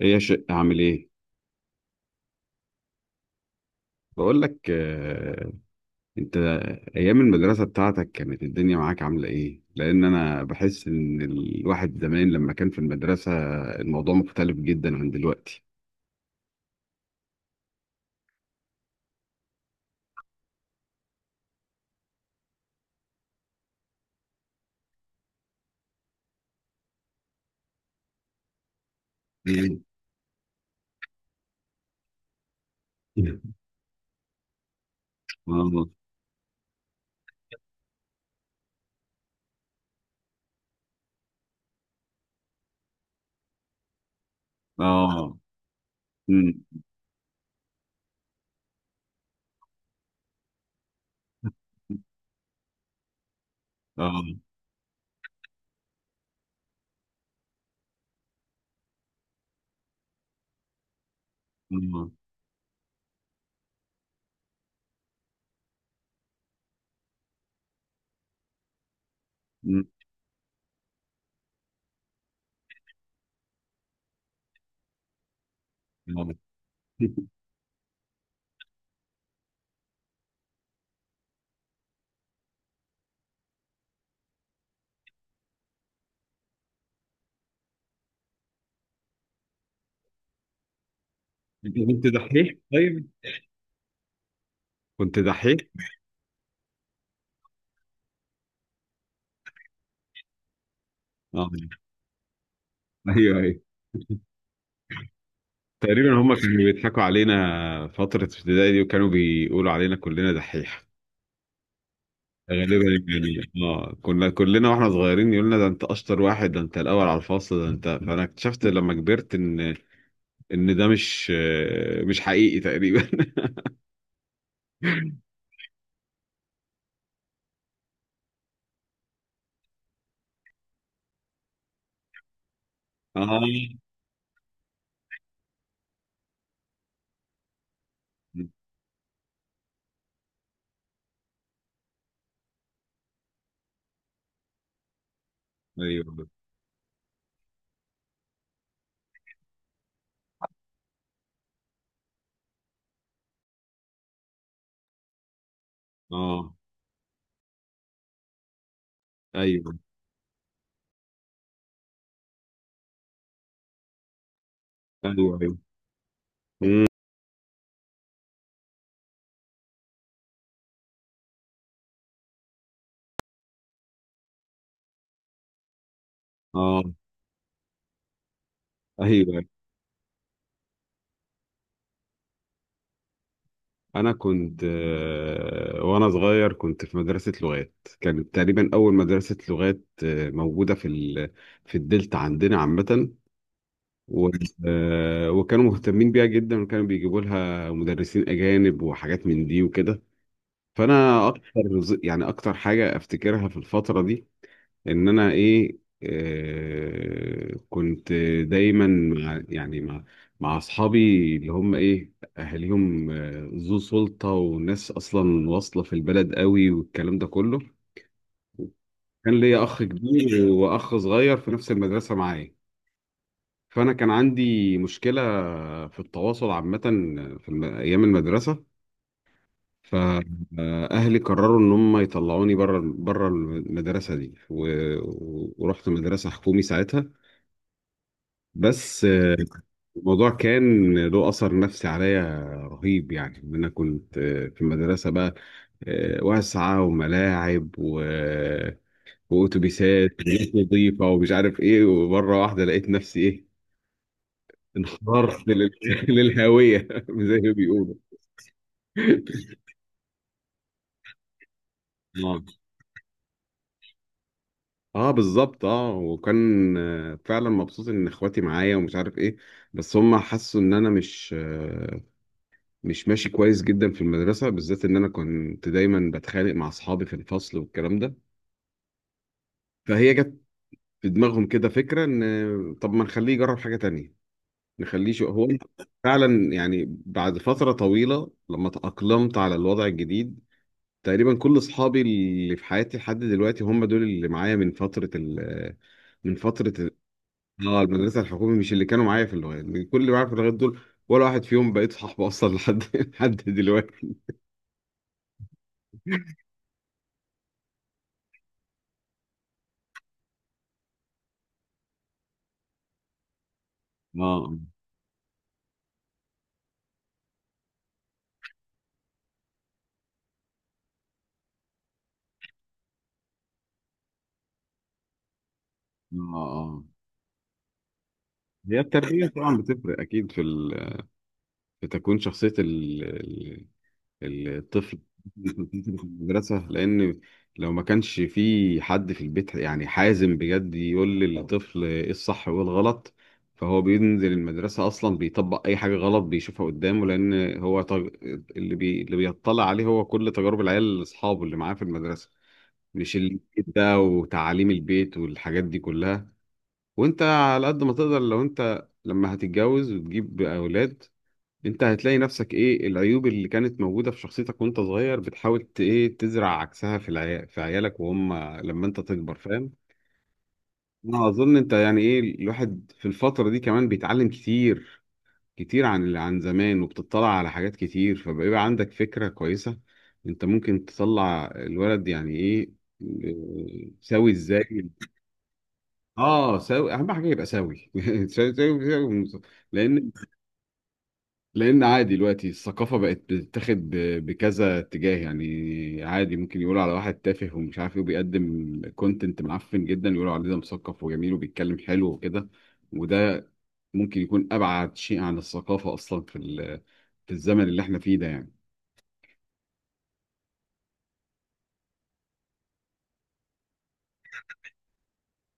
ايه يا شق؟ عامل ايه؟ بقول لك، انت، ايام المدرسه بتاعتك كانت الدنيا معاك عامله ايه؟ لان انا بحس ان الواحد زمان لما كان في المدرسه الموضوع مختلف جدا عن دلوقتي. مم. اه اه. مم. اه. مم. مم. آه. أنت كنت دحيح؟ طيب، كنت دحيح. اه، ايوه ايوه. تقريبا هم كانوا بيضحكوا علينا فتره ابتدائي دي، وكانوا بيقولوا علينا كلنا دحيح غالبا. يعني اه، كنا كلنا واحنا صغيرين يقولنا ده انت اشطر واحد، ده انت الاول على الفصل، ده انت، فانا اكتشفت لما كبرت ان ده مش حقيقي تقريبا. اه ايوه. اه ايوه ايوه ايوه. مم. اه ايوه أيوه. انا كنت، وانا صغير كنت في مدرسه لغات. كانت تقريبا اول مدرسه لغات موجوده في الدلتا عندنا عامه. و... آه، وكانوا مهتمين بيها جدا، وكانوا بيجيبوا لها مدرسين أجانب وحاجات من دي وكده. فأنا أكتر يعني أكتر حاجة أفتكرها في الفترة دي، إن أنا إيه، كنت دايما مع، يعني مع أصحابي، اللي هم إيه أهاليهم ذو سلطة، وناس أصلا واصلة في البلد قوي والكلام ده كله. كان ليا أخ كبير وأخ صغير في نفس المدرسة معايا. فأنا كان عندي مشكلة في التواصل عامة، أيام المدرسة، فأهلي قرروا إن هم يطلعوني بره بره المدرسة دي، ورحت مدرسة حكومي ساعتها. بس الموضوع كان له أثر نفسي عليا رهيب. يعني إن أنا كنت في المدرسة بقى، واسعة وملاعب و وأتوبيسات وناس نظيفة ومش عارف إيه، ومرة واحدة لقيت نفسي إيه، انحدرت للهاوية، زي ما بيقولوا. اه اه بالظبط. اه، وكان فعلا مبسوط ان اخواتي معايا ومش عارف ايه. بس هم حسوا ان انا مش ماشي كويس جدا في المدرسه، بالذات ان انا كنت دايما بتخانق مع اصحابي في الفصل والكلام ده. فهي جت في دماغهم كده فكره ان، طب ما نخليه يجرب حاجه تانية، نخليه شو هو أنا. فعلا يعني بعد فتره طويله لما تاقلمت على الوضع الجديد، تقريبا كل اصحابي اللي في حياتي لحد دلوقتي هم دول اللي معايا من فتره ال من فترة اه المدرسة الحكومي، مش اللي كانوا معايا في اللغات. كل اللي معايا في اللغات دول ولا واحد فيهم بقيت صاحبه أصلا لحد لحد دلوقتي. اه اه اه. آه. هي التربية طبعا بتفرق أكيد في تكوين شخصية الطفل. في المدرسة، لأن لو ما كانش في حد في البيت يعني حازم بجد يقول للطفل إيه الصح وإيه الغلط، فهو بينزل المدرسة أصلا بيطبق أي حاجة غلط بيشوفها قدامه. لأن هو اللي بيطلع عليه هو كل تجارب العيال أصحابه اللي معاه في المدرسة، مش اللي ده وتعاليم البيت والحاجات دي كلها. وأنت على قد ما تقدر، لو أنت لما هتتجوز وتجيب أولاد انت هتلاقي نفسك ايه العيوب اللي كانت موجودة في شخصيتك وانت صغير، بتحاول ايه تزرع عكسها في عيالك وهم لما انت تكبر، فاهم؟ انا اظن انت يعني ايه الواحد في الفترة دي كمان بيتعلم كتير كتير عن زمان، وبتطلع على حاجات كتير، فبيبقى عندك فكرة كويسة انت ممكن تطلع الولد يعني ايه، اه، سوي ازاي. اه سوي، اهم حاجة يبقى سوي. سوي سوي سوي. لان عادي دلوقتي الثقافه بقت بتتاخد بكذا اتجاه. يعني عادي ممكن يقولوا على واحد تافه ومش عارف ايه وبيقدم كونتنت معفن جدا يقولوا عليه ده مثقف وجميل وبيتكلم حلو وكده. وده ممكن يكون ابعد شيء عن الثقافه اصلا في الزمن اللي احنا فيه ده يعني.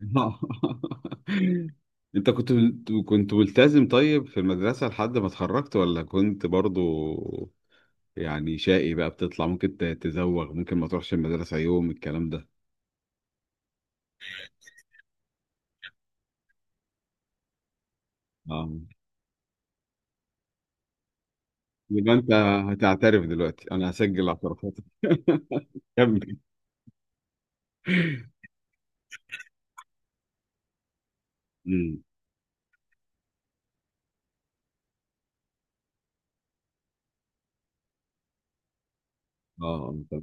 انت كنت ملتزم طيب في المدرسه لحد ما اتخرجت؟ ولا كنت برضو يعني شقي بقى بتطلع، ممكن تزوغ، ممكن ما تروحش المدرسه يوم الكلام ده؟ اه، يبقى انت هتعترف دلوقتي، انا هسجل اعترافاتك. كمل. أمم. اه طب.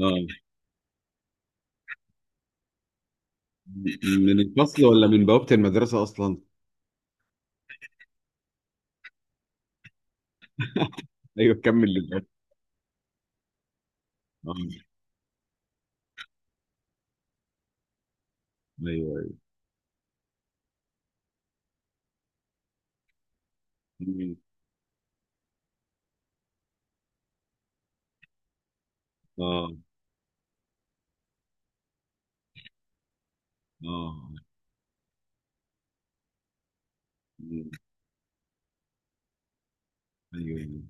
اه، من الفصل ولا من بوابة المدرسة اصلا؟ ايوه كمل للآخر. اه ايوه ايوه. أمم. اه اه. أمم. ايوه. أمم.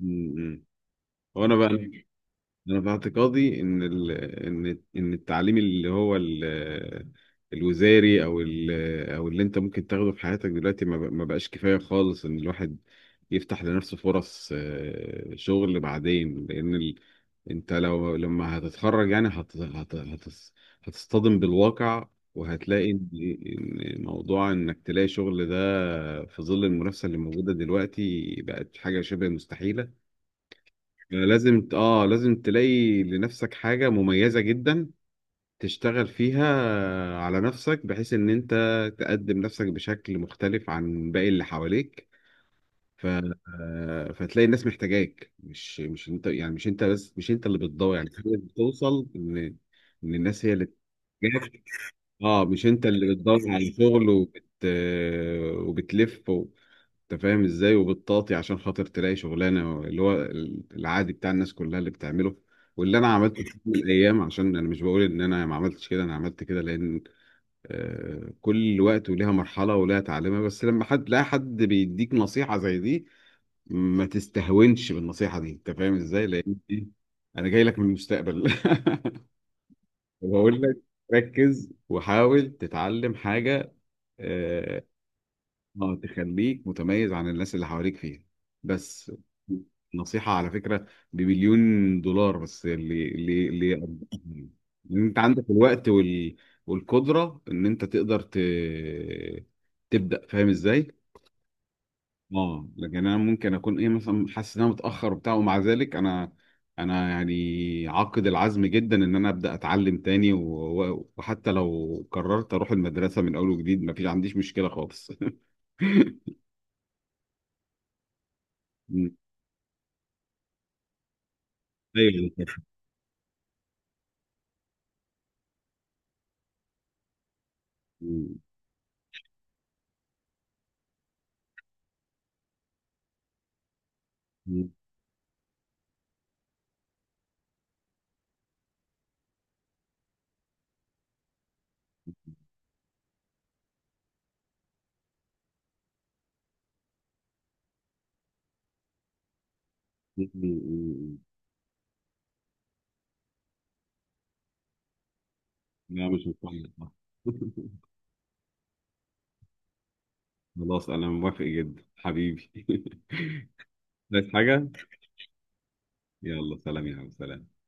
أمم. وانا بقى، انا في اعتقادي ان ان التعليم، اللي هو الوزاري او اللي انت ممكن تاخده في حياتك دلوقتي، ما بقاش كفايه خالص ان الواحد يفتح لنفسه فرص شغل بعدين، لان انت لو لما هتتخرج يعني هتصطدم بالواقع، وهتلاقي إن موضوع انك تلاقي شغل ده في ظل المنافسه اللي موجوده دلوقتي بقت حاجه شبه مستحيله. لازم تلاقي لنفسك حاجة مميزة جدا تشتغل فيها على نفسك، بحيث ان انت تقدم نفسك بشكل مختلف عن باقي اللي حواليك. ف... آه، فتلاقي الناس محتاجاك، مش انت يعني، مش انت بس، مش انت اللي بتدور. يعني في ناس بتوصل ان الناس هي اللي تحتاجك، اه، مش انت اللي بتدور على شغل وبتلف انت فاهم ازاي، وبتطاطي عشان خاطر تلاقي شغلانه اللي هو العادي بتاع الناس كلها اللي بتعمله، واللي انا عملته في يوم من الايام. عشان انا مش بقول ان انا ما عملتش كده، انا عملت كده، لان كل وقت وليها مرحله وليها تعليمها. بس لما حد، لا، حد بيديك نصيحه زي دي ما تستهونش بالنصيحه دي انت فاهم ازاي، لان دي، انا جاي لك من المستقبل. وبقول لك ركز وحاول تتعلم حاجه آه، اه تخليك متميز عن الناس اللي حواليك فيها. بس نصيحة على فكرة بـ1 مليون دولار، بس اللي اللي اللي إن انت عندك الوقت والقدرة ان انت تقدر تبدأ، فاهم ازاي؟ اه، لكن انا ممكن اكون ايه مثلا حاسس ان انا متاخر وبتاع، ومع ذلك انا يعني عاقد العزم جدا ان انا ابدا اتعلم تاني، وحتى لو قررت اروح المدرسه من اول وجديد ما فيش عنديش مشكله خالص. ايوه أنا فاكر. م- م- م- م- م. لا مش مقيد صح. خلاص انا موافق جدا حبيبي. عايز حاجه؟ يلا سلام يا عم، سلام.